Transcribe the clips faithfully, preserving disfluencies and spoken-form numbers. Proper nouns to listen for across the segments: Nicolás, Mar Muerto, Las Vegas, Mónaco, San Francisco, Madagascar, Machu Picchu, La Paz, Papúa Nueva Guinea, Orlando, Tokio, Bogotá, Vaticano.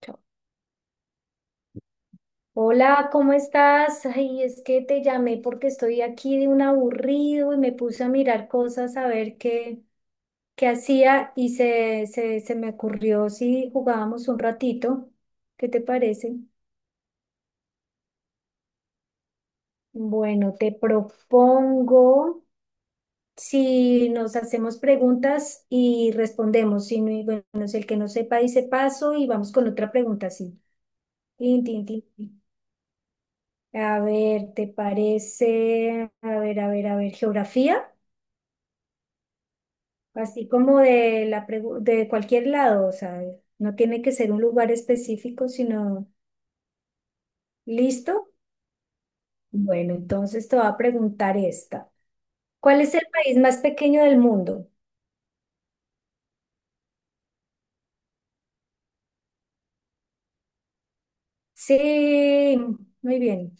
Chao. Hola, ¿cómo estás? Ay, es que te llamé porque estoy aquí de un aburrido y me puse a mirar cosas a ver qué, qué hacía y se, se, se me ocurrió si jugábamos un ratito. ¿Qué te parece? Bueno, te propongo si nos hacemos preguntas y respondemos. Si no, y bueno, es el que no sepa dice paso y vamos con otra pregunta, sí. Tin, tin, tin, tin. A ver, ¿te parece? A ver, a ver, a ver, geografía. Así como de la pregu- de cualquier lado, o sea, no tiene que ser un lugar específico, sino listo. Bueno, entonces te voy a preguntar esta. ¿Cuál es el país más pequeño del mundo? Sí, muy bien.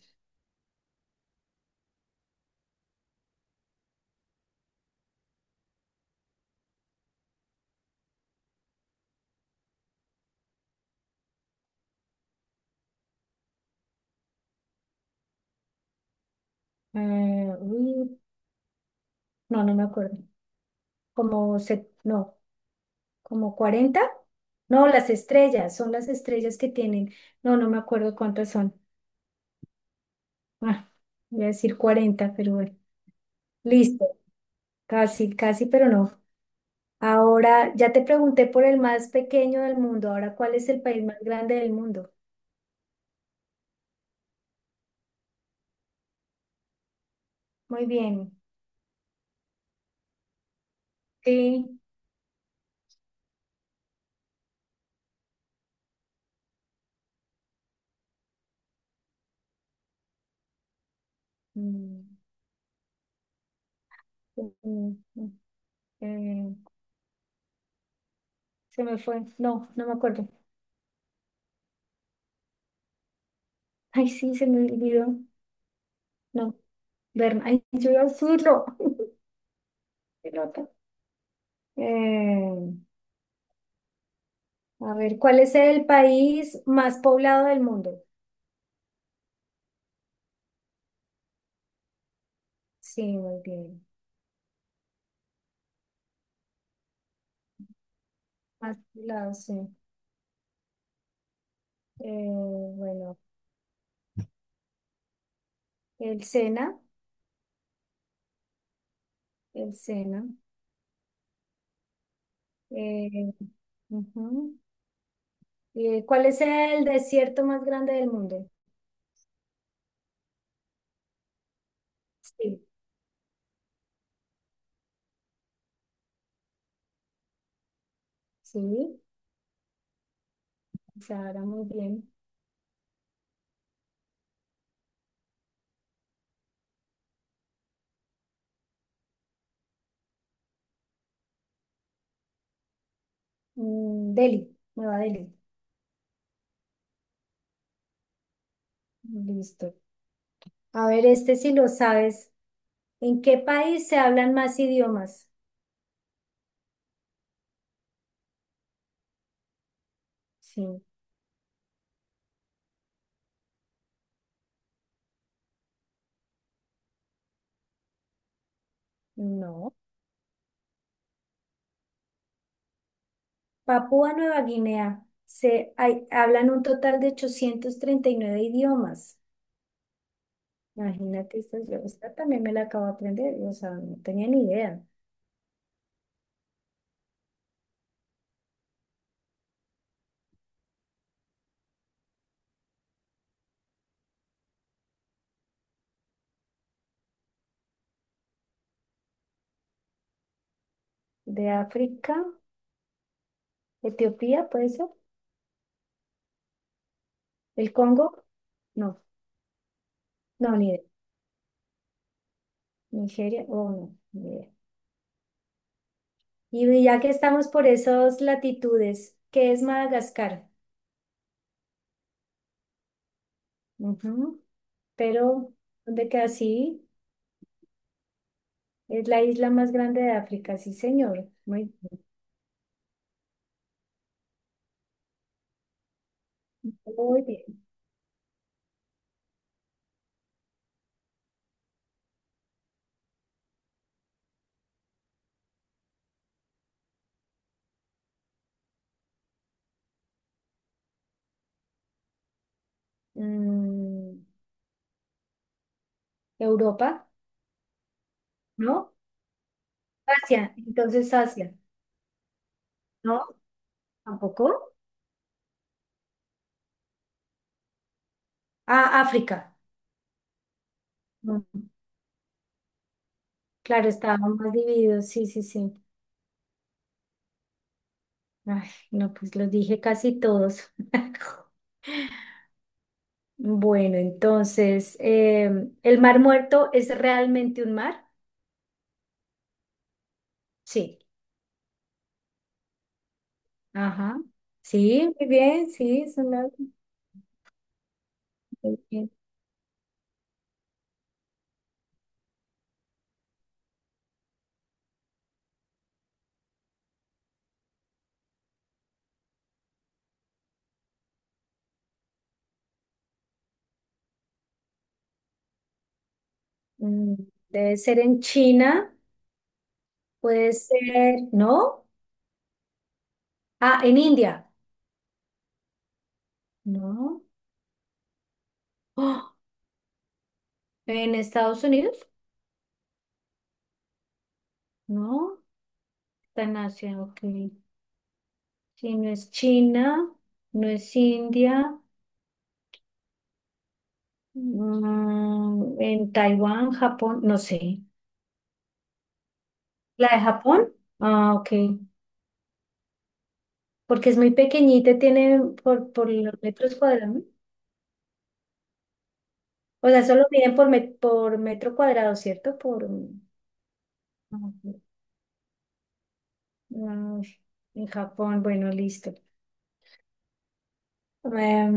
Eh, uy, no, no me acuerdo. Como se, ¿no, como cuarenta? No, las estrellas, son las estrellas que tienen. No, no me acuerdo cuántas son. Ah, voy a decir cuarenta, pero bueno. Listo. Casi, casi, pero no. Ahora, ya te pregunté por el más pequeño del mundo. Ahora, ¿cuál es el país más grande del mundo? Muy bien. Sí. Mm, mm, mm, mm, eh, Se me fue. No, no me acuerdo. Ay, sí, se me olvidó. No, Berna. Ay, yo iba a decirlo. Pelota. Eh, a ver, ¿cuál es el país más poblado del mundo? Sí, muy bien. Más poblado, sí. Eh, bueno, el Sena, el Sena. Eh, Ujú. Eh, ¿cuál es el desierto más grande del mundo? Sí. Sí, Sahara, muy bien. Mm, Delhi, Nueva Delhi. Listo. A ver, este si lo sabes. ¿En qué país se hablan más idiomas? Sí, no. Papúa Nueva Guinea. Se hay- hablan un total de ochocientos treinta y nueve idiomas. Imagínate, esta, yo- esta también me la acabo de aprender. O sea, no tenía ni idea. De África, Etiopía, ¿puede ser? ¿El Congo? No, no, ni idea. Nigeria, oh, no, ni idea. Y ya que estamos por esas latitudes, ¿qué es Madagascar? Ujú, pero, ¿dónde queda? Sí, es la isla más grande de África, sí, señor. Muy, muy bien. Mm, ¿Europa? ¿No? Asia, entonces Asia. ¿No? ¿Tampoco? Ah, África. Mm, Claro, estábamos más divididos, sí, sí, sí. Ay, no, pues los dije casi todos. Bueno, entonces, em, ¿el Mar Muerto es realmente un mar? Sí. Ajá. Sí, muy bien, sí, es un lago. Muy bien. Mm, Debe ser en China, puede ser, ¿no? Ah, en India, ¿no? Oh, ¿en Estados Unidos? No, está en Asia, ok. Sí, no es China, no es India, mm, en Taiwán, Japón, no sé. ¿La de Japón? Ah, ok. Porque es muy pequeñita, y tiene por, por los metros cuadrados. O sea, solo miden por, met- por metro cuadrado, ¿cierto? Por, mm, no, en Japón, bueno, listo. Em,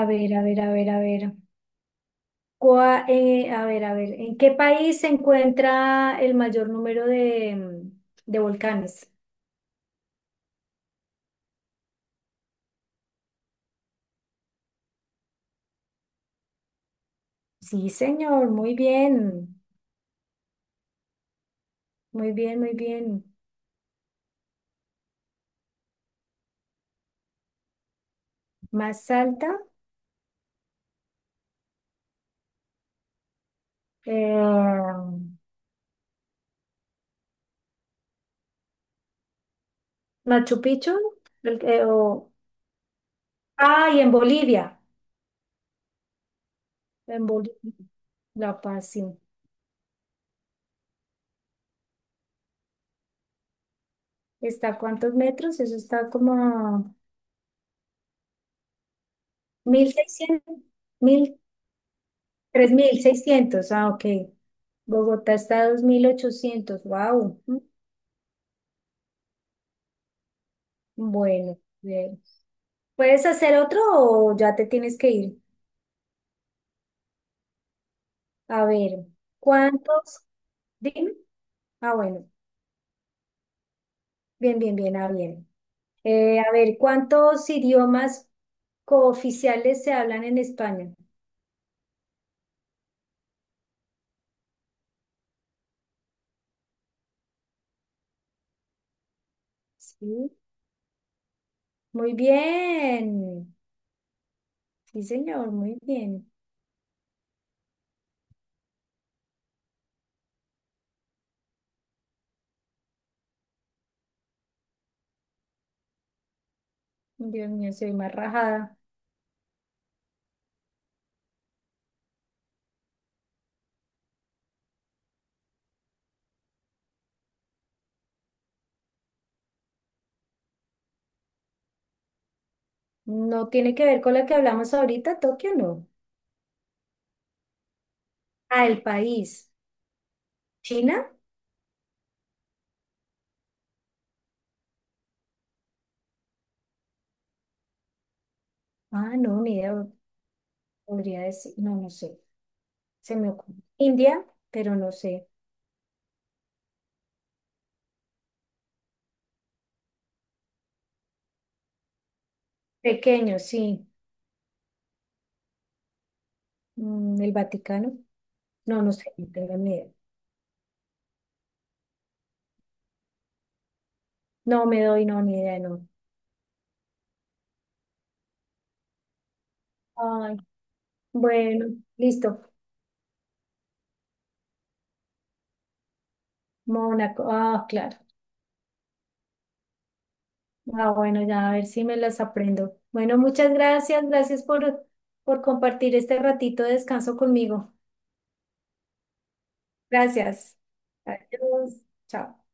a ver, a ver, a ver, a ver. Cua- eh, a ver, a ver, ¿en qué país se encuentra el mayor número de, mm, de volcanes? Sí, señor, muy bien, muy bien, muy bien. Más alta, eh, Machu Picchu, el- eh, o Ah, y en Bolivia, en Bolivia, La Paz, sí. ¿Está a cuántos metros? Eso está como a mil seiscientos, mil, tres mil seiscientos. Ah, ok. Bogotá está a dos mil ochocientos. Wow. Bueno, bien. ¿Puedes hacer otro o ya te tienes que ir? A ver, ¿cuántos? Dime. Ah, bueno. Bien, bien, bien. Ah, bien. Eh, a ver, ¿cuántos idiomas cooficiales se hablan en España? Sí. Muy bien. Sí, señor, muy bien. Dios mío, soy más rajada. No tiene que ver con la que hablamos ahorita, Tokio, no. Ah, el país. ¿China? Ah, no, ni idea. Podría decir, no, no sé. Se me ocurre. India, pero no sé. Pequeño, sí. Mm, el Vaticano. No, no sé, no tengo ni idea. No me doy, no, ni idea, no. Ay, bueno, listo. Mónaco. Ah, claro. Ah, bueno, ya a ver si me las aprendo. Bueno, muchas gracias, gracias por, por compartir este ratito de descanso conmigo. Gracias. Adiós. Chao.